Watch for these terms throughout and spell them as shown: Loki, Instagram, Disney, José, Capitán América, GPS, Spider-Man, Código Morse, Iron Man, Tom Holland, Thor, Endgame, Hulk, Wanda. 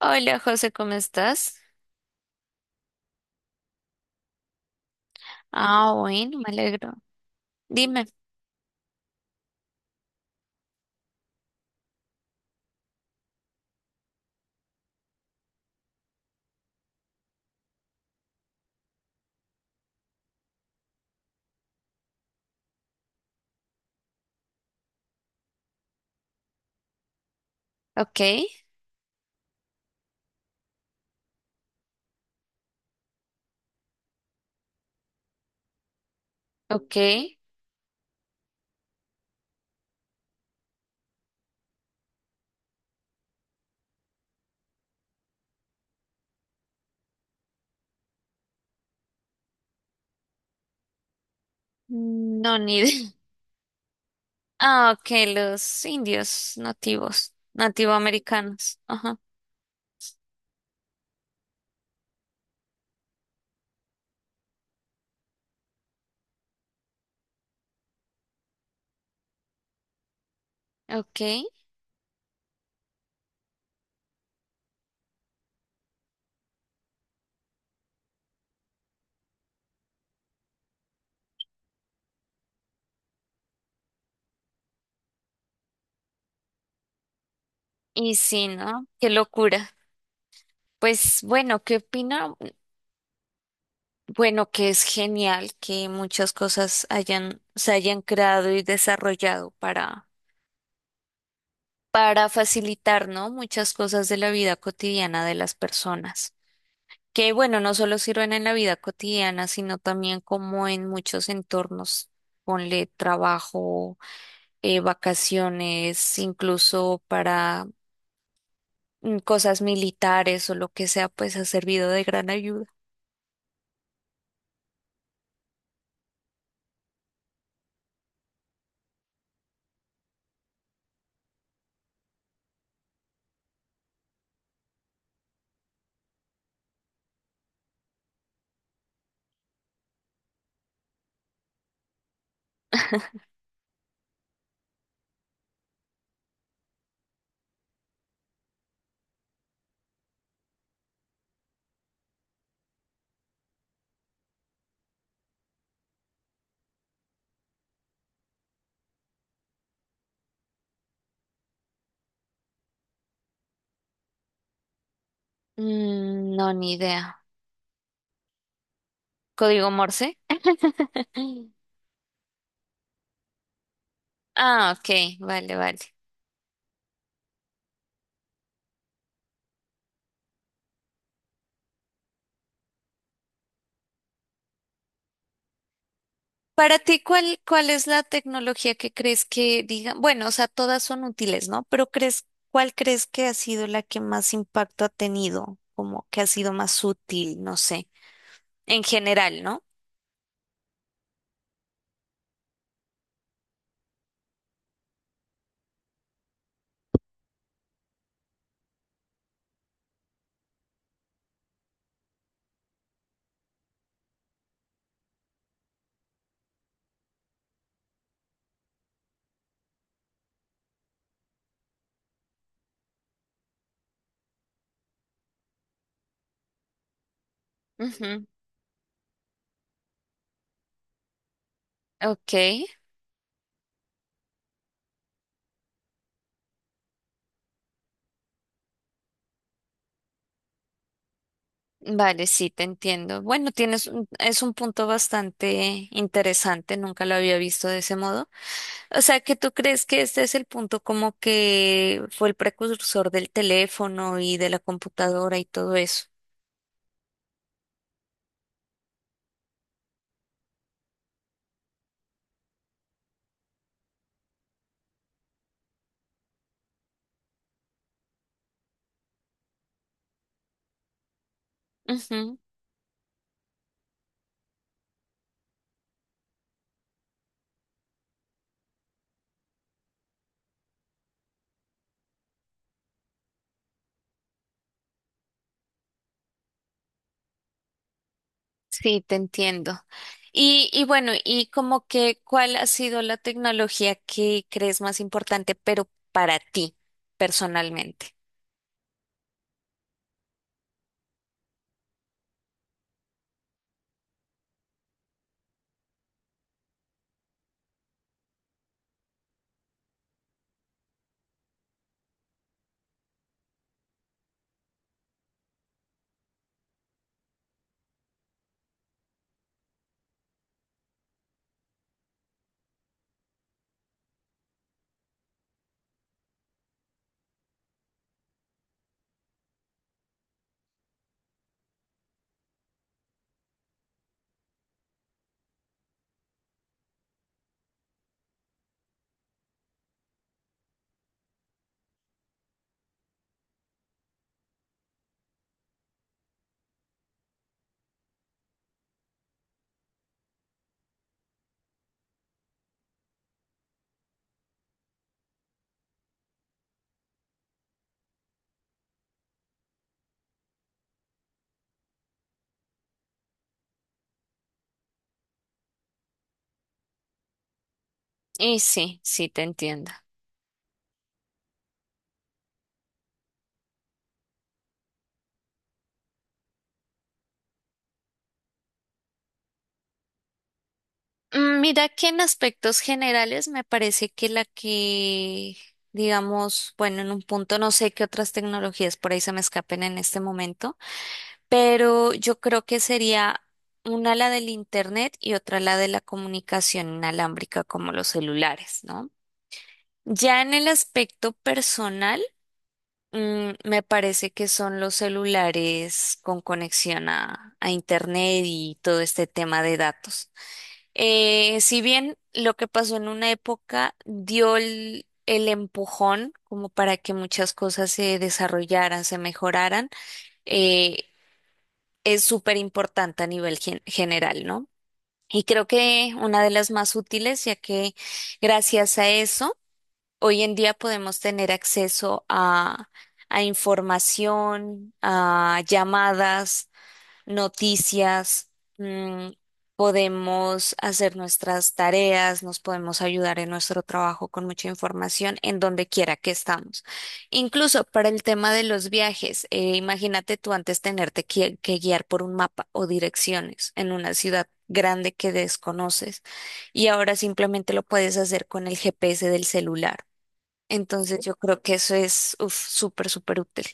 Hola José, ¿cómo estás? Ah, bueno, me alegro. Dime. Ok, ok. No, ni idea. Ah, ok, los indios nativos, nativoamericanos. Ajá, ok. Y sí, ¿no? Qué locura. Pues bueno, ¿qué opina? Bueno, que es genial que muchas cosas hayan, se hayan creado y desarrollado para facilitar, ¿no? Muchas cosas de la vida cotidiana de las personas, que bueno, no solo sirven en la vida cotidiana, sino también como en muchos entornos. Ponle trabajo, vacaciones, incluso para cosas militares o lo que sea, pues ha servido de gran ayuda. No, ni idea. ¿Código Morse? Ah, ok, vale, vale. Para ti, ¿cuál es la tecnología que crees que digan? Bueno, o sea, todas son útiles, ¿no? Pero crees, ¿cuál crees que ha sido la que más impacto ha tenido? Como que ha sido más útil, no sé, en general, ¿no? Ujú. Ok, vale, sí, te entiendo. Bueno, tienes, es un punto bastante interesante, nunca lo había visto de ese modo. O sea, que tú crees que este es el punto como que fue el precursor del teléfono y de la computadora y todo eso. Sí, te entiendo. Y bueno, y como que, ¿cuál ha sido la tecnología que crees más importante, pero para ti personalmente? Y sí, sí, te entiendo. Mira que en aspectos generales me parece que la que, digamos, bueno, en un punto no sé qué otras tecnologías por ahí se me escapen en este momento, pero yo creo que sería una la del internet y otra la de la comunicación inalámbrica como los celulares, ¿no? Ya en el aspecto personal, me parece que son los celulares con conexión a Internet y todo este tema de datos. Si bien lo que pasó en una época dio el empujón como para que muchas cosas se desarrollaran, se mejoraran, eh, es súper importante a nivel general, ¿no? Y creo que una de las más útiles, ya que gracias a eso, hoy en día podemos tener acceso a información, a llamadas, noticias, mm, podemos hacer nuestras tareas, nos podemos ayudar en nuestro trabajo con mucha información en donde quiera que estamos. Incluso para el tema de los viajes, imagínate tú antes tenerte que guiar por un mapa o direcciones en una ciudad grande que desconoces, y ahora simplemente lo puedes hacer con el GPS del celular. Entonces yo creo que eso es uf, súper, súper útil.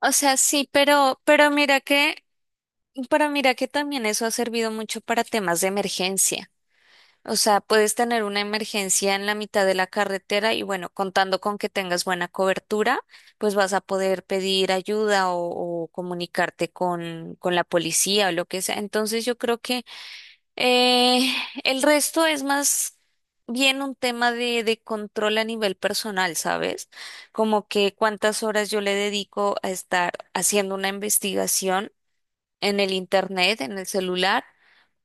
O sea, sí, pero mira que también eso ha servido mucho para temas de emergencia. O sea, puedes tener una emergencia en la mitad de la carretera y bueno, contando con que tengas buena cobertura, pues vas a poder pedir ayuda o comunicarte con la policía o lo que sea. Entonces yo creo que Eh, el resto es más bien un tema de control a nivel personal, ¿sabes? Como que cuántas horas yo le dedico a estar haciendo una investigación en el internet, en el celular,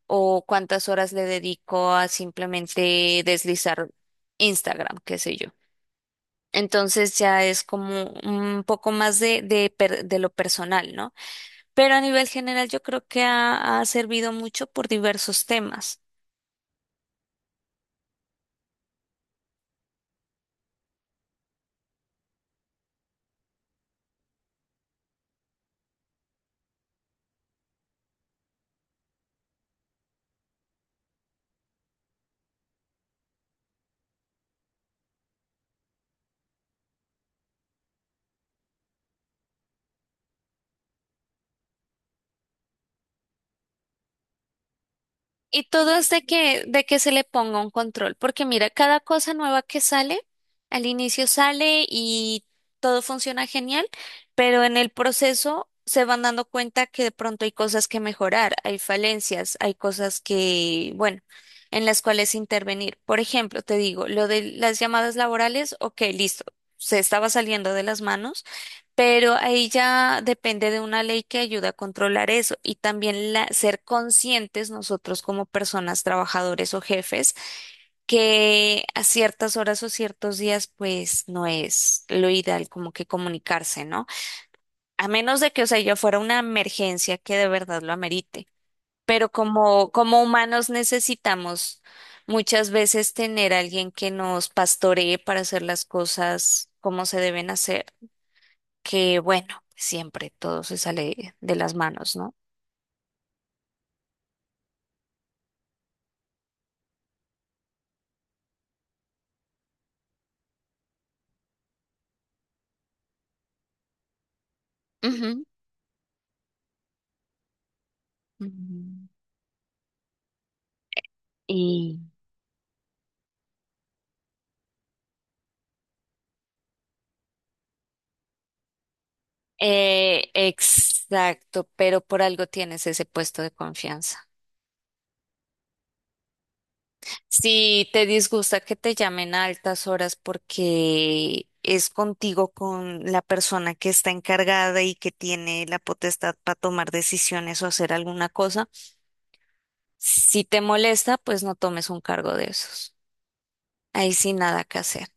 o cuántas horas le dedico a simplemente deslizar Instagram, qué sé yo. Entonces ya es como un poco más de, de lo personal, ¿no? Pero a nivel general yo creo que ha servido mucho por diversos temas. Y todo es de que se le ponga un control, porque mira, cada cosa nueva que sale, al inicio sale y todo funciona genial, pero en el proceso se van dando cuenta que de pronto hay cosas que mejorar, hay falencias, hay cosas que, bueno, en las cuales intervenir. Por ejemplo, te digo, lo de las llamadas laborales, ok, listo, se estaba saliendo de las manos. Pero ahí ya depende de una ley que ayude a controlar eso, y también ser conscientes nosotros como personas, trabajadores o jefes, que a ciertas horas o ciertos días pues no es lo ideal como que comunicarse, ¿no? A menos de que, o sea, ya fuera una emergencia que de verdad lo amerite. Pero como, como humanos necesitamos muchas veces tener a alguien que nos pastoree para hacer las cosas como se deben hacer, que bueno, siempre todo se sale de las manos, ¿no? Ujú, ujú. Y exacto, pero por algo tienes ese puesto de confianza. Si te disgusta que te llamen a altas horas porque es contigo con la persona que está encargada y que tiene la potestad para tomar decisiones o hacer alguna cosa, si te molesta, pues no tomes un cargo de esos. Ahí sí nada que hacer.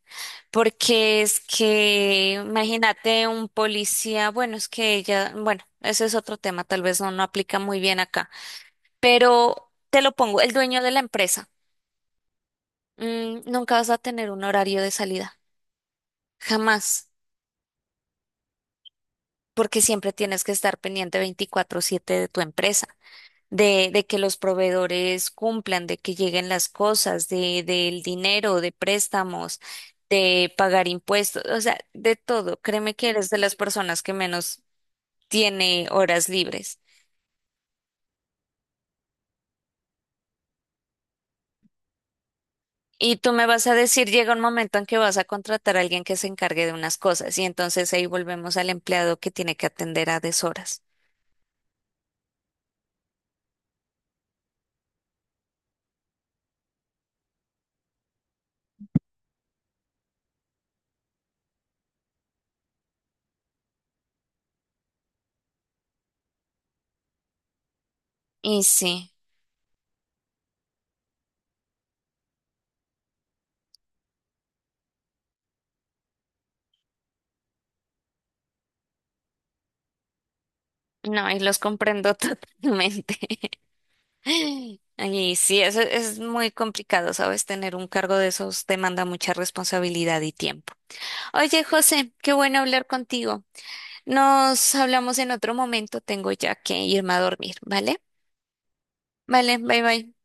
Porque es que, imagínate un policía, bueno, es que ella bueno, ese es otro tema, tal vez no, no aplica muy bien acá, pero te lo pongo, el dueño de la empresa, nunca vas a tener un horario de salida, jamás, porque siempre tienes que estar pendiente 24/7 de tu empresa, de que los proveedores cumplan, de que lleguen las cosas, de, del dinero, de préstamos, de pagar impuestos, o sea, de todo. Créeme que eres de las personas que menos tiene horas libres. Y tú me vas a decir, llega un momento en que vas a contratar a alguien que se encargue de unas cosas y entonces ahí volvemos al empleado que tiene que atender a deshoras. Y sí, no, y los comprendo totalmente. Y sí, eso es muy complicado, ¿sabes? Tener un cargo de esos demanda mucha responsabilidad y tiempo. Oye, José, qué bueno hablar contigo. Nos hablamos en otro momento, tengo ya que irme a dormir, ¿vale? Vale, bye bye.